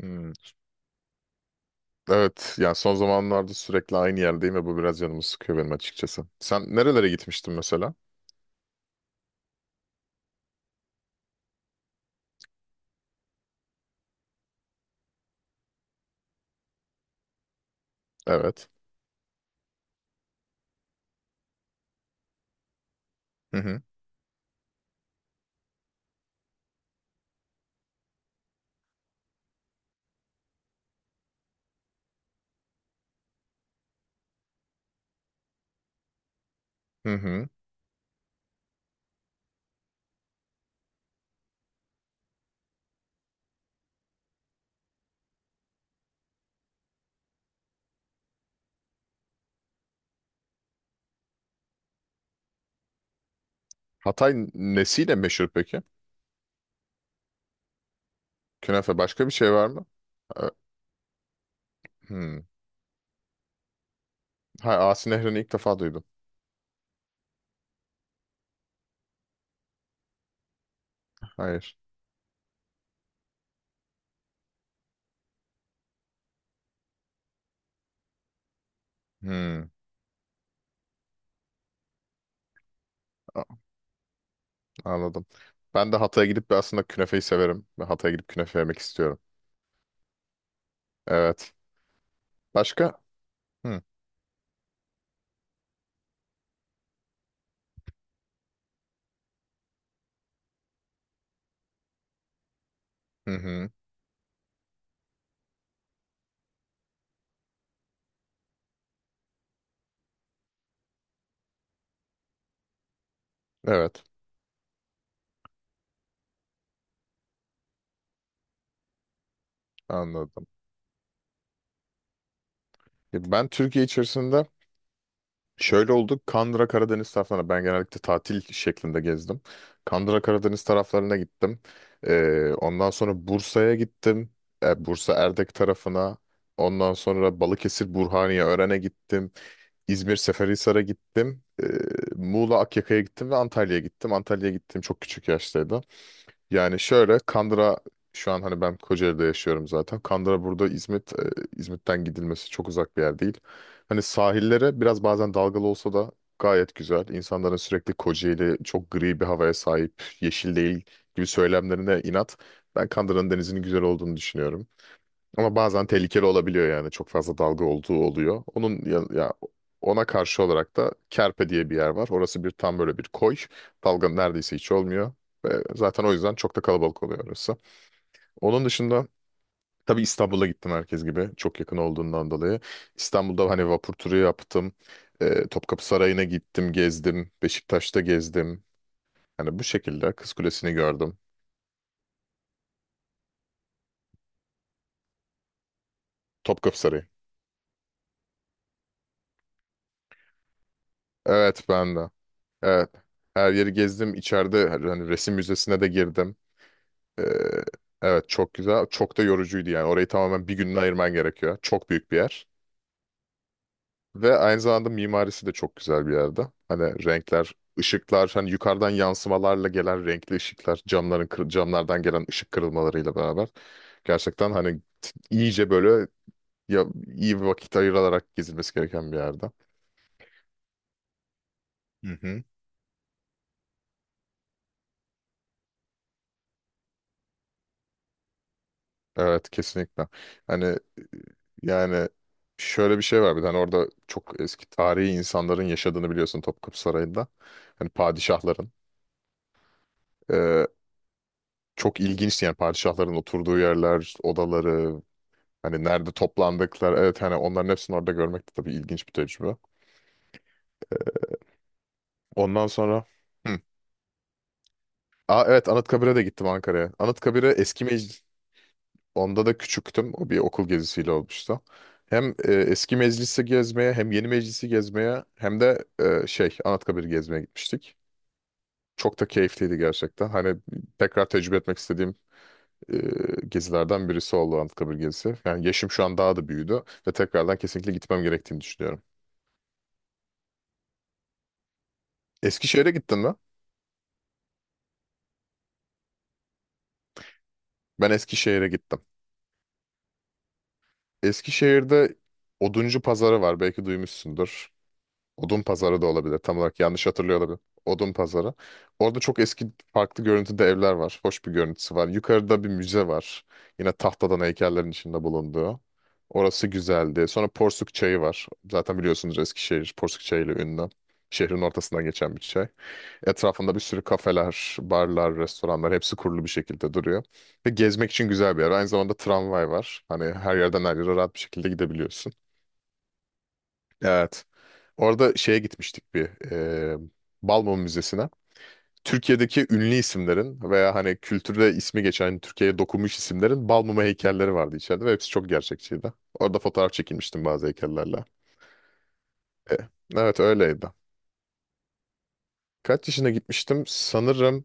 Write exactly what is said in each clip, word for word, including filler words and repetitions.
Hmm. Evet, yani son zamanlarda sürekli aynı yerdeyim ve bu biraz canımı sıkıyor benim açıkçası. Sen nerelere gitmiştin mesela? Evet. Hı hı. Hı hı. Hatay nesiyle meşhur peki? Künefe başka bir şey var mı? Ee, Hmm. Hayır, Asi Nehri'ni ilk defa duydum. Hayır. Hmm. a- Anladım. Ben de Hatay'a gidip bir aslında künefeyi severim. Ve Hatay'a gidip künefe yemek istiyorum. Evet. Başka? Hı hı. Hı. Evet. Anladım. Ya, ben Türkiye içerisinde şöyle oldu. Kandıra Karadeniz taraflarına ben genellikle tatil şeklinde gezdim. Kandıra Karadeniz taraflarına gittim. Ee, ondan sonra Bursa'ya gittim. E, Bursa Erdek tarafına. Ondan sonra Balıkesir Burhaniye Ören'e gittim. İzmir Seferihisar'a gittim. Ee, Muğla Akyaka'ya gittim ve Antalya'ya gittim. Antalya'ya gittim çok küçük yaştaydı. Yani şöyle Kandıra, şu an hani ben Kocaeli'de yaşıyorum zaten. Kandıra burada İzmit, e, İzmit'ten gidilmesi çok uzak bir yer değil. Hani sahillere biraz bazen dalgalı olsa da gayet güzel. İnsanların sürekli Kocaeli çok gri bir havaya sahip, yeşil değil gibi söylemlerine inat. Ben Kandıra'nın denizinin güzel olduğunu düşünüyorum. Ama bazen tehlikeli olabiliyor yani. Çok fazla dalga olduğu oluyor. Onun ya, ya ona karşı olarak da Kerpe diye bir yer var. Orası bir tam böyle bir koy. Dalga neredeyse hiç olmuyor. Ve zaten o yüzden çok da kalabalık oluyor orası. Onun dışında tabii İstanbul'a gittim herkes gibi. Çok yakın olduğundan dolayı. İstanbul'da hani vapur turu yaptım. Ee, Topkapı Sarayı'na gittim, gezdim. Beşiktaş'ta gezdim. Yani bu şekilde Kız Kulesi'ni gördüm. Topkapı Sarayı. Evet ben de. Evet. Her yeri gezdim. İçeride hani resim müzesine de girdim. Ee, evet çok güzel. Çok da yorucuydu yani. Orayı tamamen bir gününe ayırman gerekiyor. Çok büyük bir yer. Ve aynı zamanda mimarisi de çok güzel bir yerde. Hani renkler, ışıklar, hani yukarıdan yansımalarla gelen renkli ışıklar, camların kır- camlardan gelen ışık kırılmalarıyla beraber gerçekten hani t- iyice böyle ya iyi bir vakit ayırarak gezilmesi gereken bir yerde. Hı hı. Evet kesinlikle. Hani yani şöyle bir şey var, bir tane orada çok eski tarihi insanların yaşadığını biliyorsun Topkapı Sarayı'nda. Hani padişahların. Ee, Çok ilginç yani padişahların oturduğu yerler, odaları, hani nerede toplandıkları. Evet hani onların hepsini orada görmek de tabii ilginç bir tecrübe. Ondan sonra. Hı. Aa, evet Anıtkabir'e de gittim Ankara'ya. Anıtkabir'e eski meclis. Onda da küçüktüm. O bir okul gezisiyle olmuştu. Hem e, eski meclisi gezmeye hem yeni meclisi gezmeye hem de e, şey Anıtkabir'i gezmeye gitmiştik. Çok da keyifliydi gerçekten. Hani tekrar tecrübe etmek istediğim e, gezilerden birisi oldu Anıtkabir gezisi. Yani yaşım şu an daha da büyüdü ve tekrardan kesinlikle gitmem gerektiğini düşünüyorum. Eskişehir'e gittin mi? Ben Eskişehir'e gittim. Eskişehir'de Oduncu Pazarı var. Belki duymuşsundur. Odun pazarı da olabilir. Tam olarak yanlış hatırlıyor olabilir. Odun pazarı. Orada çok eski farklı görüntüde evler var. Hoş bir görüntüsü var. Yukarıda bir müze var. Yine tahtadan heykellerin içinde bulunduğu. Orası güzeldi. Sonra Porsuk Çayı var. Zaten biliyorsunuz Eskişehir Porsuk Çayı ile ünlü. Şehrin ortasından geçen bir çay. Etrafında bir sürü kafeler, barlar, restoranlar hepsi kurulu bir şekilde duruyor. Ve gezmek için güzel bir yer. Aynı zamanda tramvay var. Hani her yerden her yere rahat bir şekilde gidebiliyorsun. Evet. Orada şeye gitmiştik, bir e, Balmum Müzesi'ne. Türkiye'deki ünlü isimlerin veya hani kültürde ismi geçen hani Türkiye'ye dokunmuş isimlerin Balmum'a heykelleri vardı içeride ve hepsi çok gerçekçiydi. Orada fotoğraf çekilmiştim bazı heykellerle. E, evet öyleydi. Kaç yaşına gitmiştim? Sanırım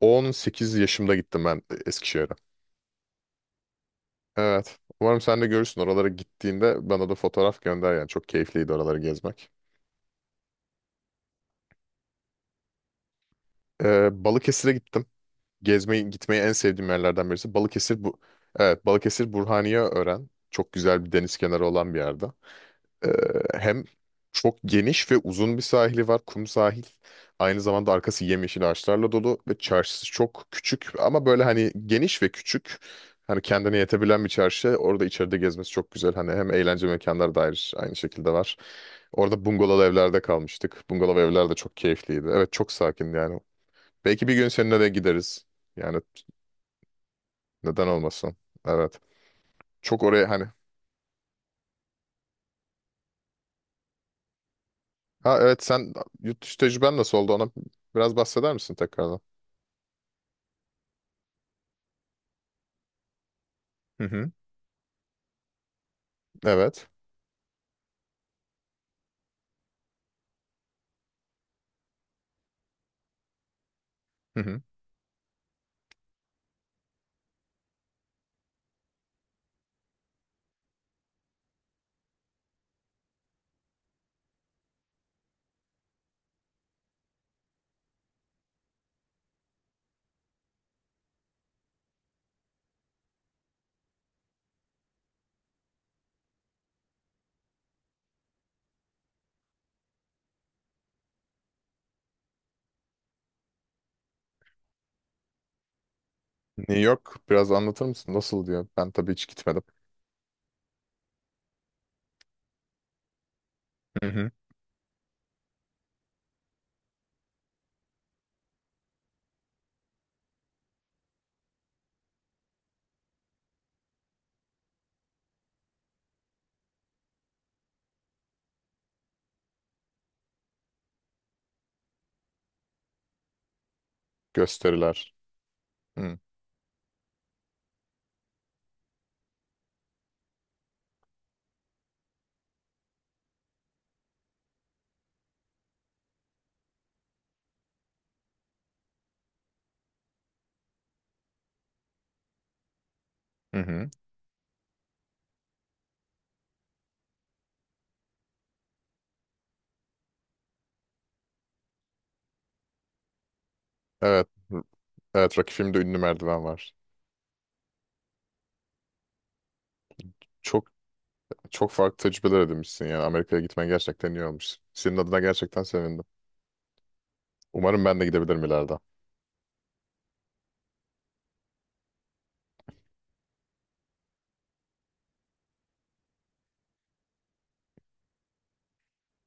on sekiz yaşımda gittim ben Eskişehir'e. Evet. Umarım sen de görürsün. Oralara gittiğinde bana da fotoğraf gönder yani. Çok keyifliydi oraları gezmek. E, Balıkesir'e gittim. Gezmeyi gitmeyi en sevdiğim yerlerden birisi. Balıkesir bu evet Balıkesir Burhaniyeören çok güzel bir deniz kenarı olan bir yerde. Ee, Hem çok geniş ve uzun bir sahili var, kum sahil. Aynı zamanda arkası yemyeşil ağaçlarla dolu ve çarşısı çok küçük ama böyle hani geniş ve küçük. Hani kendine yetebilen bir çarşı. Orada içeride gezmesi çok güzel. Hani hem eğlence mekanları dair aynı şekilde var. Orada bungalov evlerde kalmıştık. Bungalov evler de çok keyifliydi. Evet çok sakin yani. Belki bir gün seninle de gideriz. Yani neden olmasın? Evet. Çok oraya hani. Ha evet sen yurt dışı tecrüben nasıl oldu ona biraz bahseder misin tekrardan? Hı hı. Evet. Hı hı. New York biraz anlatır mısın? Nasıl diyor? Ben tabii hiç gitmedim. Hı hı. Gösteriler. Hı hı. Hı. Evet. Evet Rocky filmde ünlü merdiven var. Çok çok farklı tecrübeler edinmişsin yani. Amerika'ya gitmen gerçekten iyi olmuş. Senin adına gerçekten sevindim. Umarım ben de gidebilirim ileride.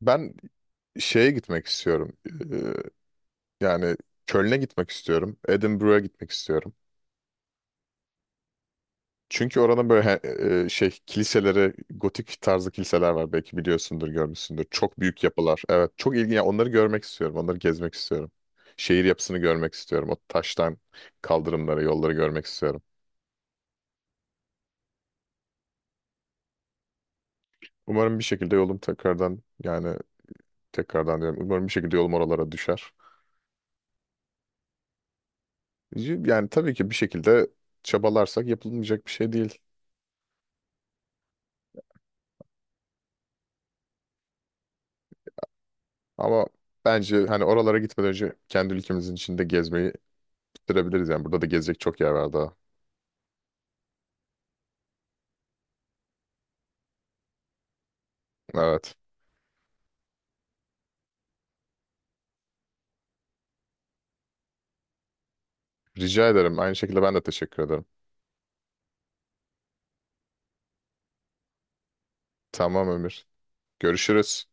Ben şeye gitmek istiyorum. Ee, Yani Köln'e gitmek istiyorum. Edinburgh'a gitmek istiyorum. Çünkü oranın böyle he- e, e, şey kiliseleri, gotik tarzı kiliseler var. Belki biliyorsundur, görmüşsündür. Çok büyük yapılar. Evet, çok ilginç. Yani onları görmek istiyorum. Onları gezmek istiyorum. Şehir yapısını görmek istiyorum. O taştan kaldırımları, yolları görmek istiyorum. Umarım bir şekilde yolum tekrardan yani tekrardan diyorum. Umarım bir şekilde yolum oralara düşer. Yani tabii ki bir şekilde çabalarsak yapılmayacak bir şey değil. Ama bence hani oralara gitmeden önce kendi ülkemizin içinde gezmeyi bitirebiliriz. Yani burada da gezecek çok yer var daha. Evet. Rica ederim. Aynı şekilde ben de teşekkür ederim. Tamam Ömür. Görüşürüz.